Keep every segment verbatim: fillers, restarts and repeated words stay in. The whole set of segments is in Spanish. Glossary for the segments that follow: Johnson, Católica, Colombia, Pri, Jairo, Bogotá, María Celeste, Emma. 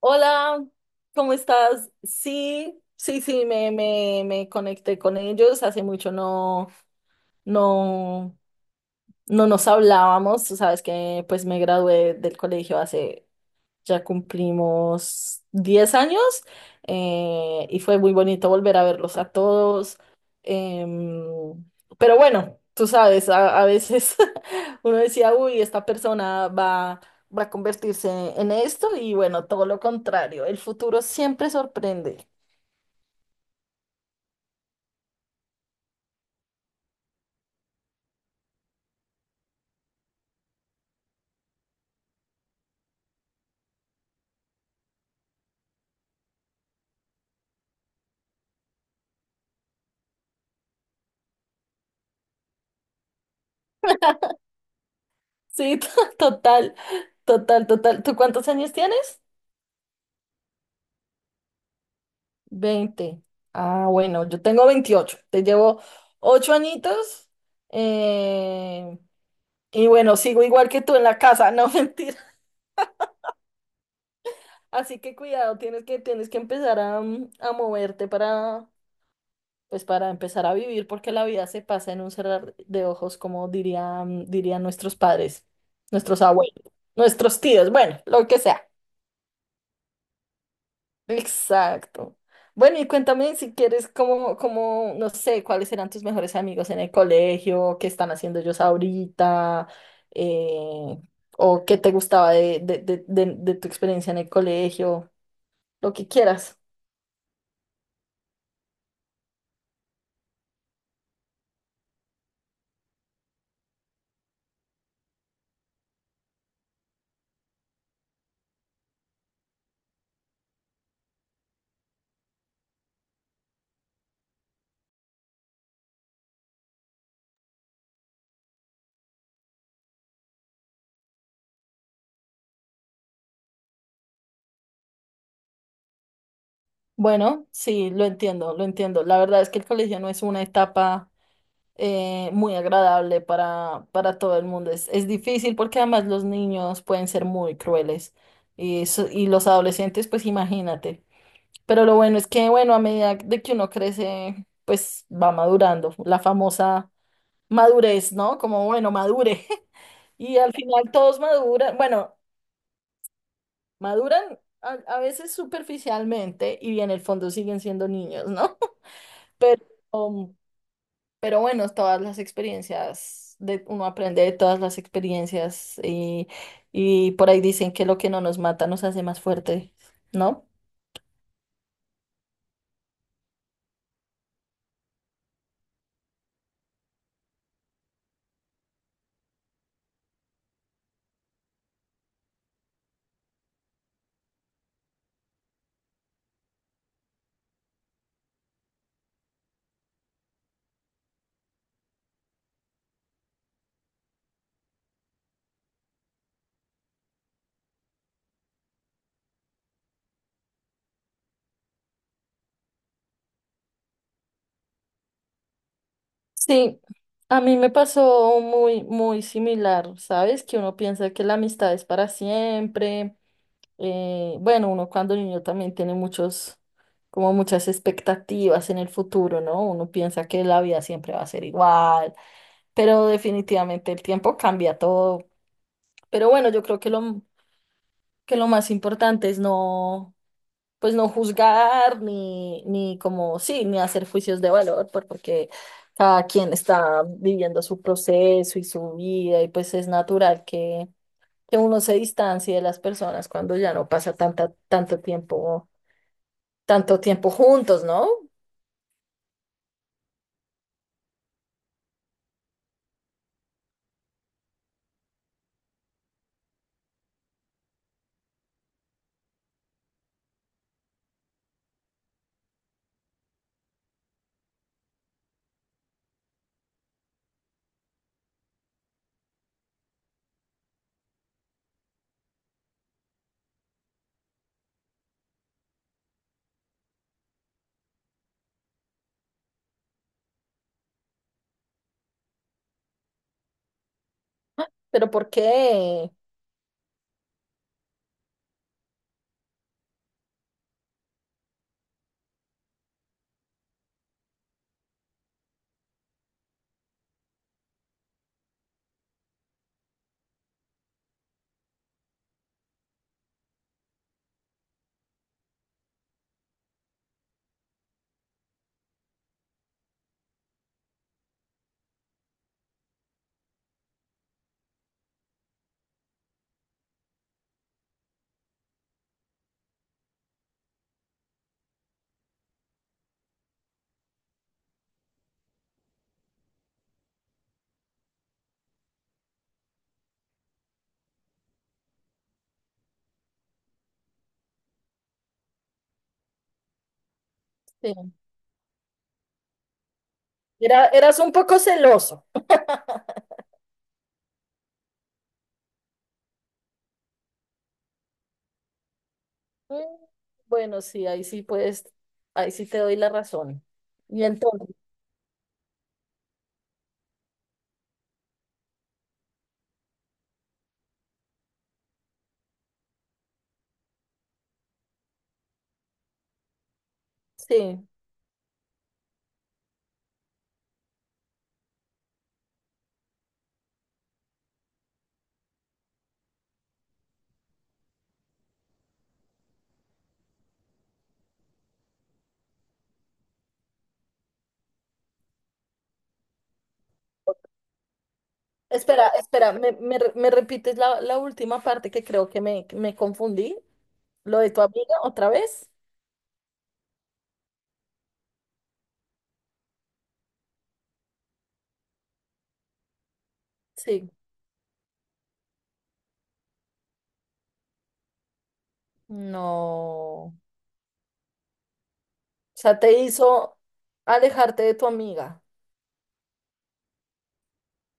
Hola, ¿cómo estás? Sí, sí, sí, me, me, me conecté con ellos. Hace mucho no, no, no nos hablábamos. Tú sabes que pues me gradué del colegio hace, ya cumplimos diez años eh, y fue muy bonito volver a verlos a todos. Em, pero bueno, tú sabes, a, a veces uno decía, uy, esta persona va va a convertirse en esto y bueno, todo lo contrario, el futuro siempre sorprende. Sí, to- total, total, total. ¿Tú cuántos años tienes? Veinte. Ah, bueno, yo tengo veintiocho. Te llevo ocho añitos. eh, y bueno, sigo igual que tú en la casa, no mentir. Así que cuidado, tienes que, tienes que empezar a, mm, a moverte para, pues para empezar a vivir, porque la vida se pasa en un cerrar de ojos, como dirían, dirían nuestros padres, nuestros abuelos, nuestros tíos, bueno, lo que sea. Exacto. Bueno, y cuéntame si quieres, como, como, no sé, cuáles eran tus mejores amigos en el colegio, qué están haciendo ellos ahorita, eh, o qué te gustaba de, de, de, de de tu experiencia en el colegio, lo que quieras. Bueno, sí, lo entiendo, lo entiendo. La verdad es que el colegio no es una etapa eh, muy agradable para, para todo el mundo. Es, es difícil porque además los niños pueden ser muy crueles y, eso- y los adolescentes, pues imagínate. Pero lo bueno es que, bueno, a medida de que uno crece, pues va madurando. La famosa madurez, ¿no? Como, bueno, madure. Y al final todos maduran, bueno, maduran a, a veces superficialmente y en el fondo siguen siendo niños, ¿no? Pero, um, pero bueno, todas las experiencias, de, uno aprende de todas las experiencias y, y por ahí dicen que lo que no nos mata nos hace más fuerte, ¿no? Sí, a mí me pasó muy, muy similar, ¿sabes? Que uno piensa que la amistad es para siempre. Eh, bueno, uno cuando niño también tiene muchos, como muchas expectativas en el futuro, ¿no? Uno piensa que la vida siempre va a ser igual, pero definitivamente el tiempo cambia todo. Pero bueno, yo creo que lo, que lo más importante es no, pues no juzgar ni, ni como, sí, ni hacer juicios de valor, por- porque cada quien está viviendo su proceso y su vida y pues es natural que, que uno se distancie de las personas cuando ya no pasa tanta, tanto tiempo, tanto tiempo juntos, ¿no? Pero ¿por qué? Sí. Era, eras un poco celoso. Mm, Bueno, sí, ahí sí puedes, ahí sí te doy la razón. Y entonces, sí. Espera, espera, ¿me, me re- me repites la, la última parte que creo que me, me confundí? ¿Lo de tu amiga otra vez? Sí. No. O sea, te hizo alejarte de tu amiga.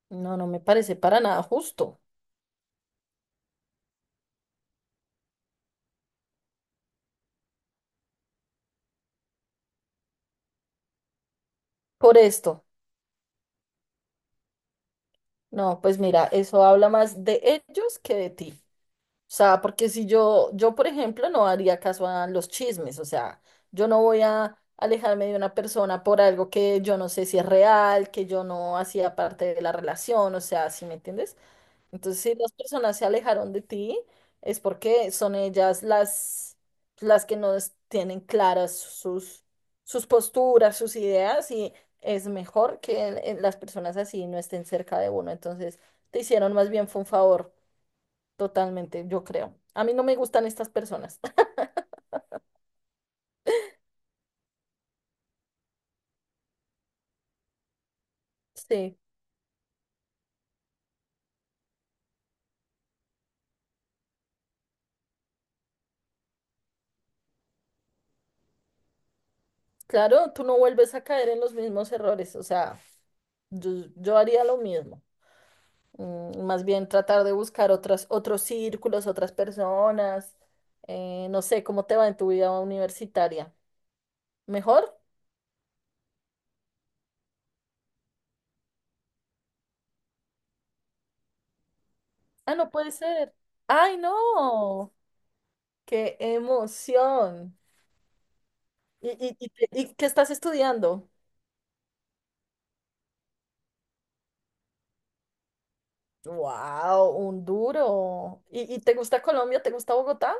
No, no me parece para nada justo. Por esto. No, pues mira, eso habla más de ellos que de ti. O sea, porque si yo, yo, por ejemplo, no haría caso a los chismes, o sea, yo no voy a alejarme de una persona por algo que yo no sé si es real, que yo no hacía parte de la relación, o sea, ¿sí me entiendes? Entonces, si las personas se alejaron de ti, es porque son ellas las, las que no es- tienen claras sus, sus posturas, sus ideas, y es mejor que eh, las personas así no estén cerca de uno. Entonces, te hicieron más bien fue un favor. Totalmente, yo creo. A mí no me gustan estas personas. Sí, claro, tú no vuelves a caer en los mismos errores, o sea, yo, yo haría lo mismo. Mm, Más bien tratar de buscar otras, otros círculos, otras personas. Eh, no sé, ¿cómo te va en tu vida universitaria? ¿Mejor? Ah, no puede ser. ¡Ay, no! ¡Qué emoción! ¿Y, y, y, te- y qué estás estudiando? ¡Wow! Un duro. ¿Y, y te gusta Colombia? ¿Te gusta Bogotá?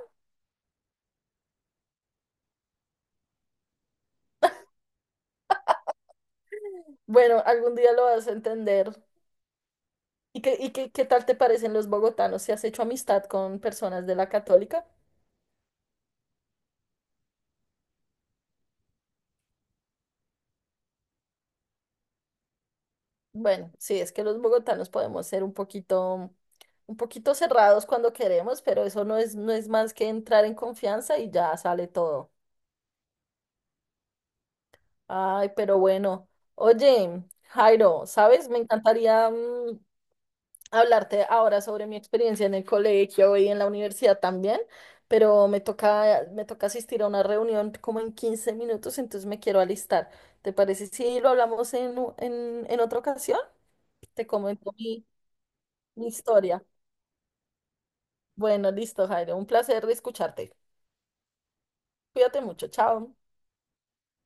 Bueno, algún día lo vas a entender. ¿Y qué, y qué, qué tal te parecen los bogotanos? ¿Si has hecho amistad con personas de la Católica? Bueno, sí, es que los bogotanos podemos ser un poquito, un poquito cerrados cuando queremos, pero eso no es, no es más que entrar en confianza y ya sale todo. Ay, pero bueno. Oye, Jairo, ¿sabes? Me encantaría, mm, hablarte ahora sobre mi experiencia en el colegio y en la universidad también, pero me toca, me toca asistir a una reunión como en quince minutos, entonces me quiero alistar. ¿Te parece si lo hablamos en, u- en, en otra ocasión? Te comento mi, mi historia. Bueno, listo, Jairo. Un placer escucharte. Cuídate mucho. Chao.